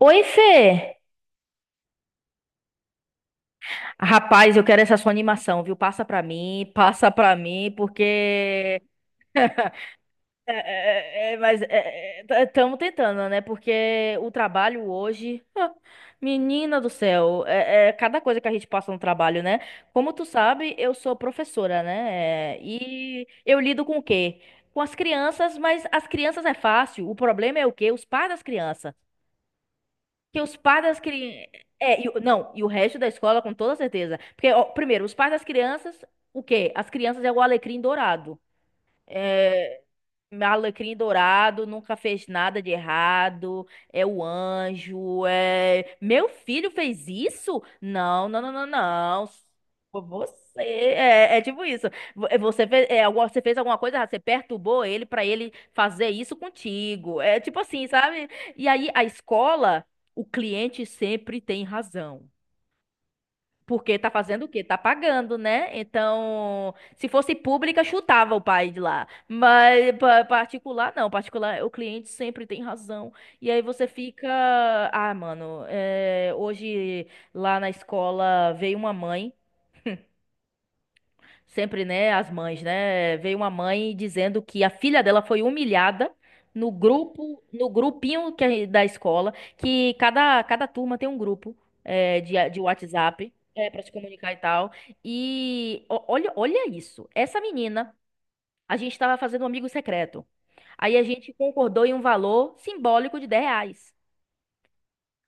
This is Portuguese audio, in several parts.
Oi, Fê! Rapaz, eu quero essa sua animação, viu? Passa pra mim, porque. É, mas estamos tentando, né? Porque o trabalho hoje. ah, menina do céu, é cada coisa que a gente passa no trabalho, né? Como tu sabe, eu sou professora, né? E eu lido com o quê? Com as crianças, mas as crianças é fácil. O problema é o quê? Os pais das crianças. Que os pais das crianças. Não, e o resto da escola, com toda certeza. Porque, ó, primeiro, os pais das crianças, o quê? As crianças é o alecrim dourado. É, Alecrim dourado, nunca fez nada de errado, é o anjo, é... Meu filho fez isso? Não, não, não, não, não. Foi você, é tipo isso. Você fez, você fez alguma coisa errada, você perturbou ele pra ele fazer isso contigo. É tipo assim, sabe? E aí a escola, o cliente sempre tem razão. Porque tá fazendo o quê? Tá pagando, né? Então, se fosse pública, chutava o pai de lá. Mas particular, não. Particular, o cliente sempre tem razão. E aí você fica. Ah, mano, hoje lá na escola veio uma mãe. Sempre, né, as mães, né? Veio uma mãe dizendo que a filha dela foi humilhada no grupo, no grupinho que é da escola, que cada turma tem um grupo de WhatsApp para se comunicar e tal. Olha, olha isso. Essa menina, a gente estava fazendo um amigo secreto. Aí a gente concordou em um valor simbólico de R$ 10.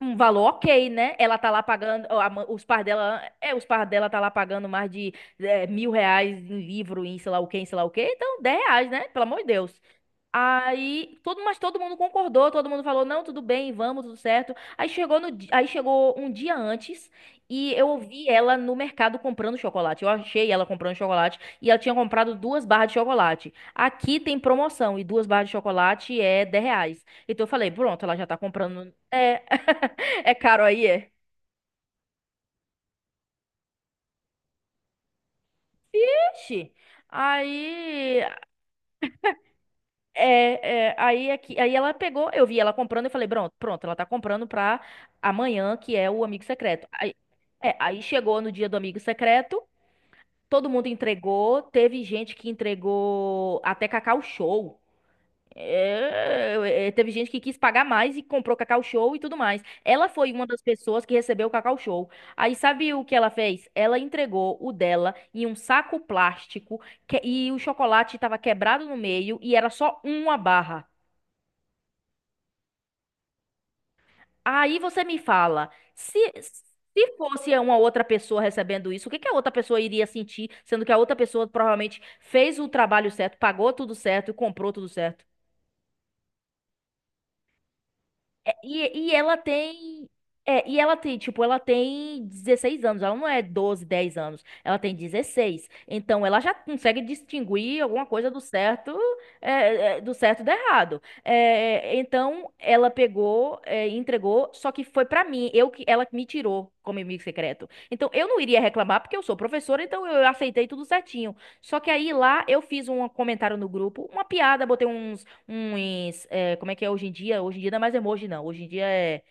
Um valor ok, né? Ela tá lá pagando, ó, os pais dela, os pais dela tá lá pagando mais de R$ 1.000 em livro, em sei lá o quê, em sei lá o quê, então R$ 10, né? Pelo amor de Deus. Aí, mas todo mundo concordou, todo mundo falou, não, tudo bem, vamos, tudo certo. Aí chegou no, di- aí chegou um dia antes e eu ouvi ela no mercado comprando chocolate. Eu achei ela comprando chocolate e ela tinha comprado duas barras de chocolate. Aqui tem promoção e duas barras de chocolate é R$ 10. Então eu falei, pronto, ela já tá comprando. É, é caro aí, é? Vixe! Aí. Aí, aqui, aí ela pegou, eu vi ela comprando, eu falei, pronto, pronto, ela tá comprando pra amanhã, que é o amigo secreto. Aí, aí chegou no dia do amigo secreto, todo mundo entregou, teve gente que entregou até Cacau Show. É, é, teve gente que quis pagar mais e comprou Cacau Show e tudo mais. Ela foi uma das pessoas que recebeu o Cacau Show. Aí sabe o que ela fez? Ela entregou o dela em um saco plástico e o chocolate estava quebrado no meio e era só uma barra. Aí você me fala, se fosse uma outra pessoa recebendo isso, o que que a outra pessoa iria sentir, sendo que a outra pessoa provavelmente fez o trabalho certo, pagou tudo certo e comprou tudo certo? E ela tem. E ela tem, tipo, ela tem 16 anos, ela não é 12 10 anos, ela tem dezesseis. Então ela já consegue distinguir alguma coisa do certo, do certo e do errado. Então ela pegou, e entregou, só que foi pra mim, eu que ela que me tirou como inimigo secreto. Então eu não iria reclamar porque eu sou professora, então eu aceitei tudo certinho. Só que aí lá eu fiz um comentário no grupo, uma piada, botei uns como é que é hoje em dia? Hoje em dia não é mais emoji, não. Hoje em dia é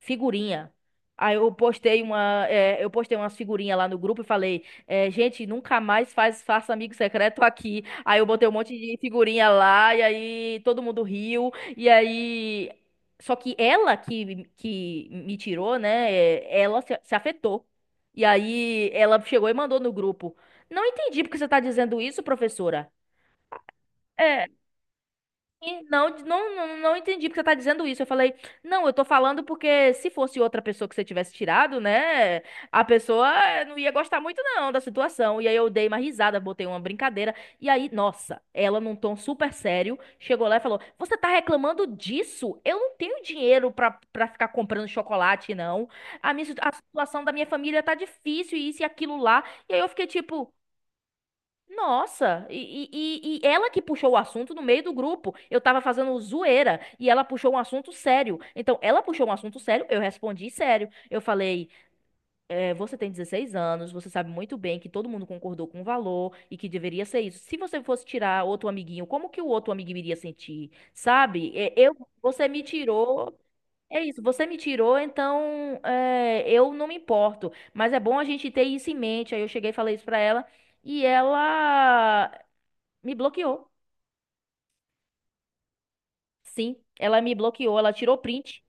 figurinha. Aí eu postei uma, é, eu postei umas figurinhas lá no grupo e falei, é, gente, nunca mais faz, faça amigo secreto aqui. Aí eu botei um monte de figurinha lá e aí todo mundo riu. E aí, só que ela que me tirou, né? Ela se afetou. E aí ela chegou e mandou no grupo. Não entendi porque você tá dizendo isso, professora. É, e não, não, não, não entendi porque você tá dizendo isso. Eu falei, não, eu tô falando porque se fosse outra pessoa que você tivesse tirado, né? A pessoa não ia gostar muito, não, da situação. E aí eu dei uma risada, botei uma brincadeira. E aí, nossa, ela num tom super sério, chegou lá e falou: Você tá reclamando disso? Eu não tenho dinheiro pra, pra ficar comprando chocolate, não. A situação da minha família tá difícil, e isso e aquilo lá. E aí eu fiquei tipo. Nossa, e ela que puxou o assunto no meio do grupo. Eu tava fazendo zoeira e ela puxou um assunto sério. Então, ela puxou um assunto sério, eu respondi sério. Eu falei: "É, você tem 16 anos, você sabe muito bem que todo mundo concordou com o valor e que deveria ser isso. Se você fosse tirar outro amiguinho, como que o outro amiguinho iria sentir? Sabe? Você me tirou. É isso, você me tirou, então é, eu não me importo. Mas é bom a gente ter isso em mente. Aí eu cheguei e falei isso pra ela. E ela me bloqueou. Sim, ela me bloqueou. Ela tirou print.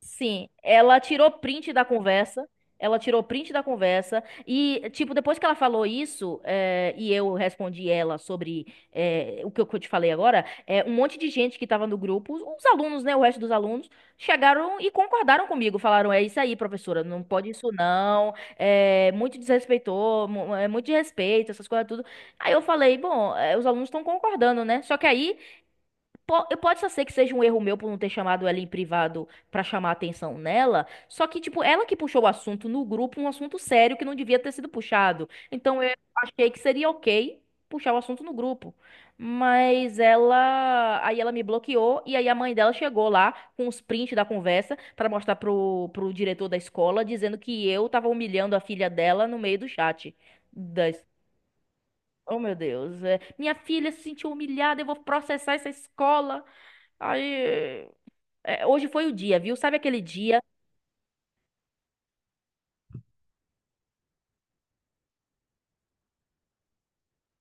Sim, ela tirou print da conversa. Ela tirou print da conversa. E, tipo, depois que ela falou isso, e eu respondi ela sobre o que eu te falei agora, um monte de gente que tava no grupo, os alunos, né? O resto dos alunos, chegaram e concordaram comigo. Falaram: é isso aí, professora, não pode isso não. É muito desrespeitou, é muito de respeito, essas coisas tudo. Aí eu falei: bom, os alunos estão concordando, né? Só que aí. Pode só ser que seja um erro meu por não ter chamado ela em privado pra chamar a atenção nela, só que, tipo, ela que puxou o assunto no grupo, um assunto sério que não devia ter sido puxado. Então eu achei que seria ok puxar o assunto no grupo. Mas ela. Aí ela me bloqueou e aí a mãe dela chegou lá com os prints da conversa pra mostrar pro, pro diretor da escola, dizendo que eu tava humilhando a filha dela no meio do chat. Das... Oh, meu Deus. Minha filha se sentiu humilhada, eu vou processar essa escola. Aí, hoje foi o dia, viu? Sabe aquele dia?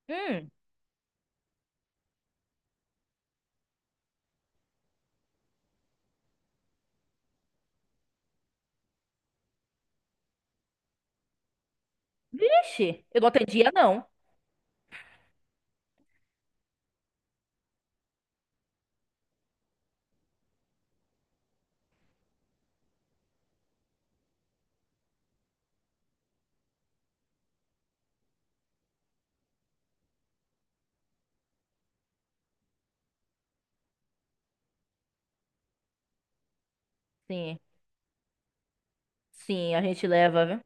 Hum, ixi, eu não atendia, não. Sim, sim, a gente leva, viu?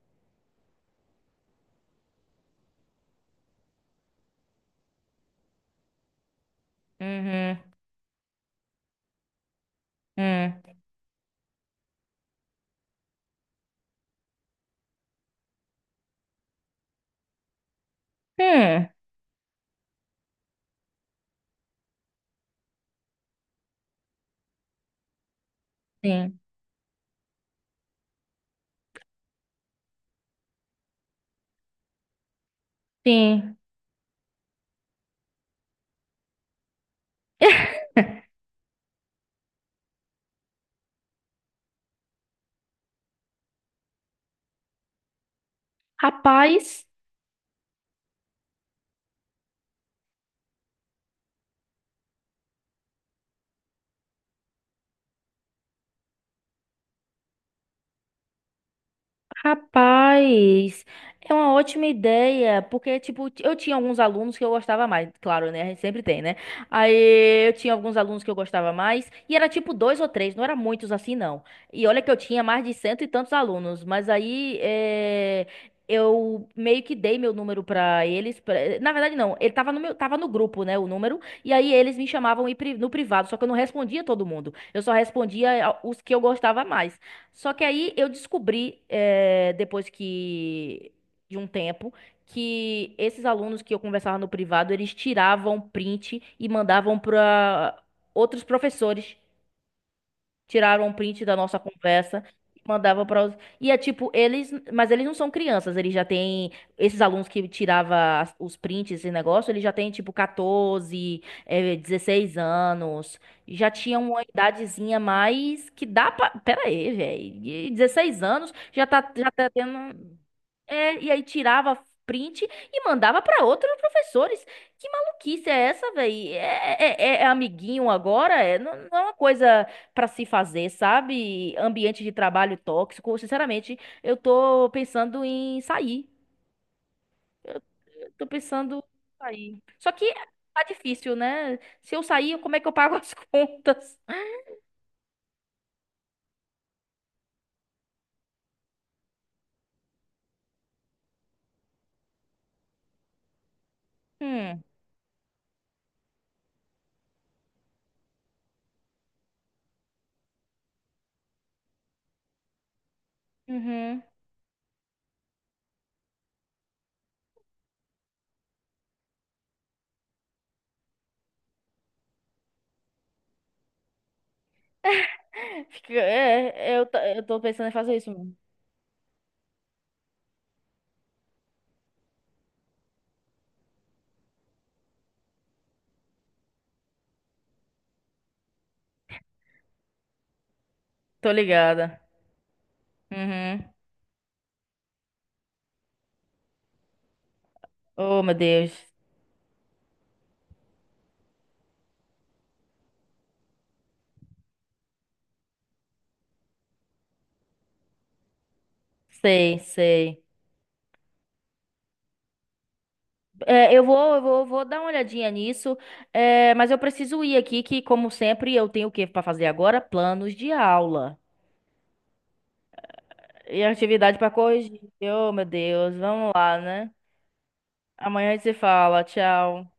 Uhum, hum, hum, sim, sim. Rapaz. Rapaz, é uma ótima ideia, porque, tipo, eu tinha alguns alunos que eu gostava mais, claro, né? A gente sempre tem, né? Aí eu tinha alguns alunos que eu gostava mais, e era tipo dois ou três, não era muitos assim, não. E olha que eu tinha mais de cento e tantos alunos, mas aí eu meio que dei meu número pra eles. Na verdade, não, ele tava no meu, tava no grupo, né? O número, e aí eles me chamavam no privado, só que eu não respondia todo mundo, eu só respondia os que eu gostava mais. Só que aí eu descobri, depois que de um tempo, que esses alunos que eu conversava no privado, eles tiravam print e mandavam para outros professores tiraram um print da nossa conversa e mandava para os... E é tipo, eles, mas eles não são crianças, eles já têm esses alunos que tirava os prints esse negócio, eles já têm tipo 14, 16 anos, já tinha uma idadezinha mais que dá pra... Pera aí, velho, 16 anos já tá tendo e aí tirava print e mandava pra outros professores. Que maluquice é essa, velho? É amiguinho agora? Não, não é uma coisa pra se fazer, sabe? Ambiente de trabalho tóxico. Sinceramente, eu tô pensando em sair. Eu, eu tô pensando em sair. Só que tá difícil, né? Se eu sair, como é que eu pago as contas? Hum, uhum. Eu tô pensando em fazer isso. Mesmo. Tô ligada. Uhum. Oh, meu Deus. Sei, sei. Vou dar uma olhadinha nisso, mas eu preciso ir aqui, que como sempre eu tenho o que para fazer agora? Planos de aula e atividade para corrigir. Oh, meu Deus, vamos lá, né? Amanhã a gente se fala. Tchau.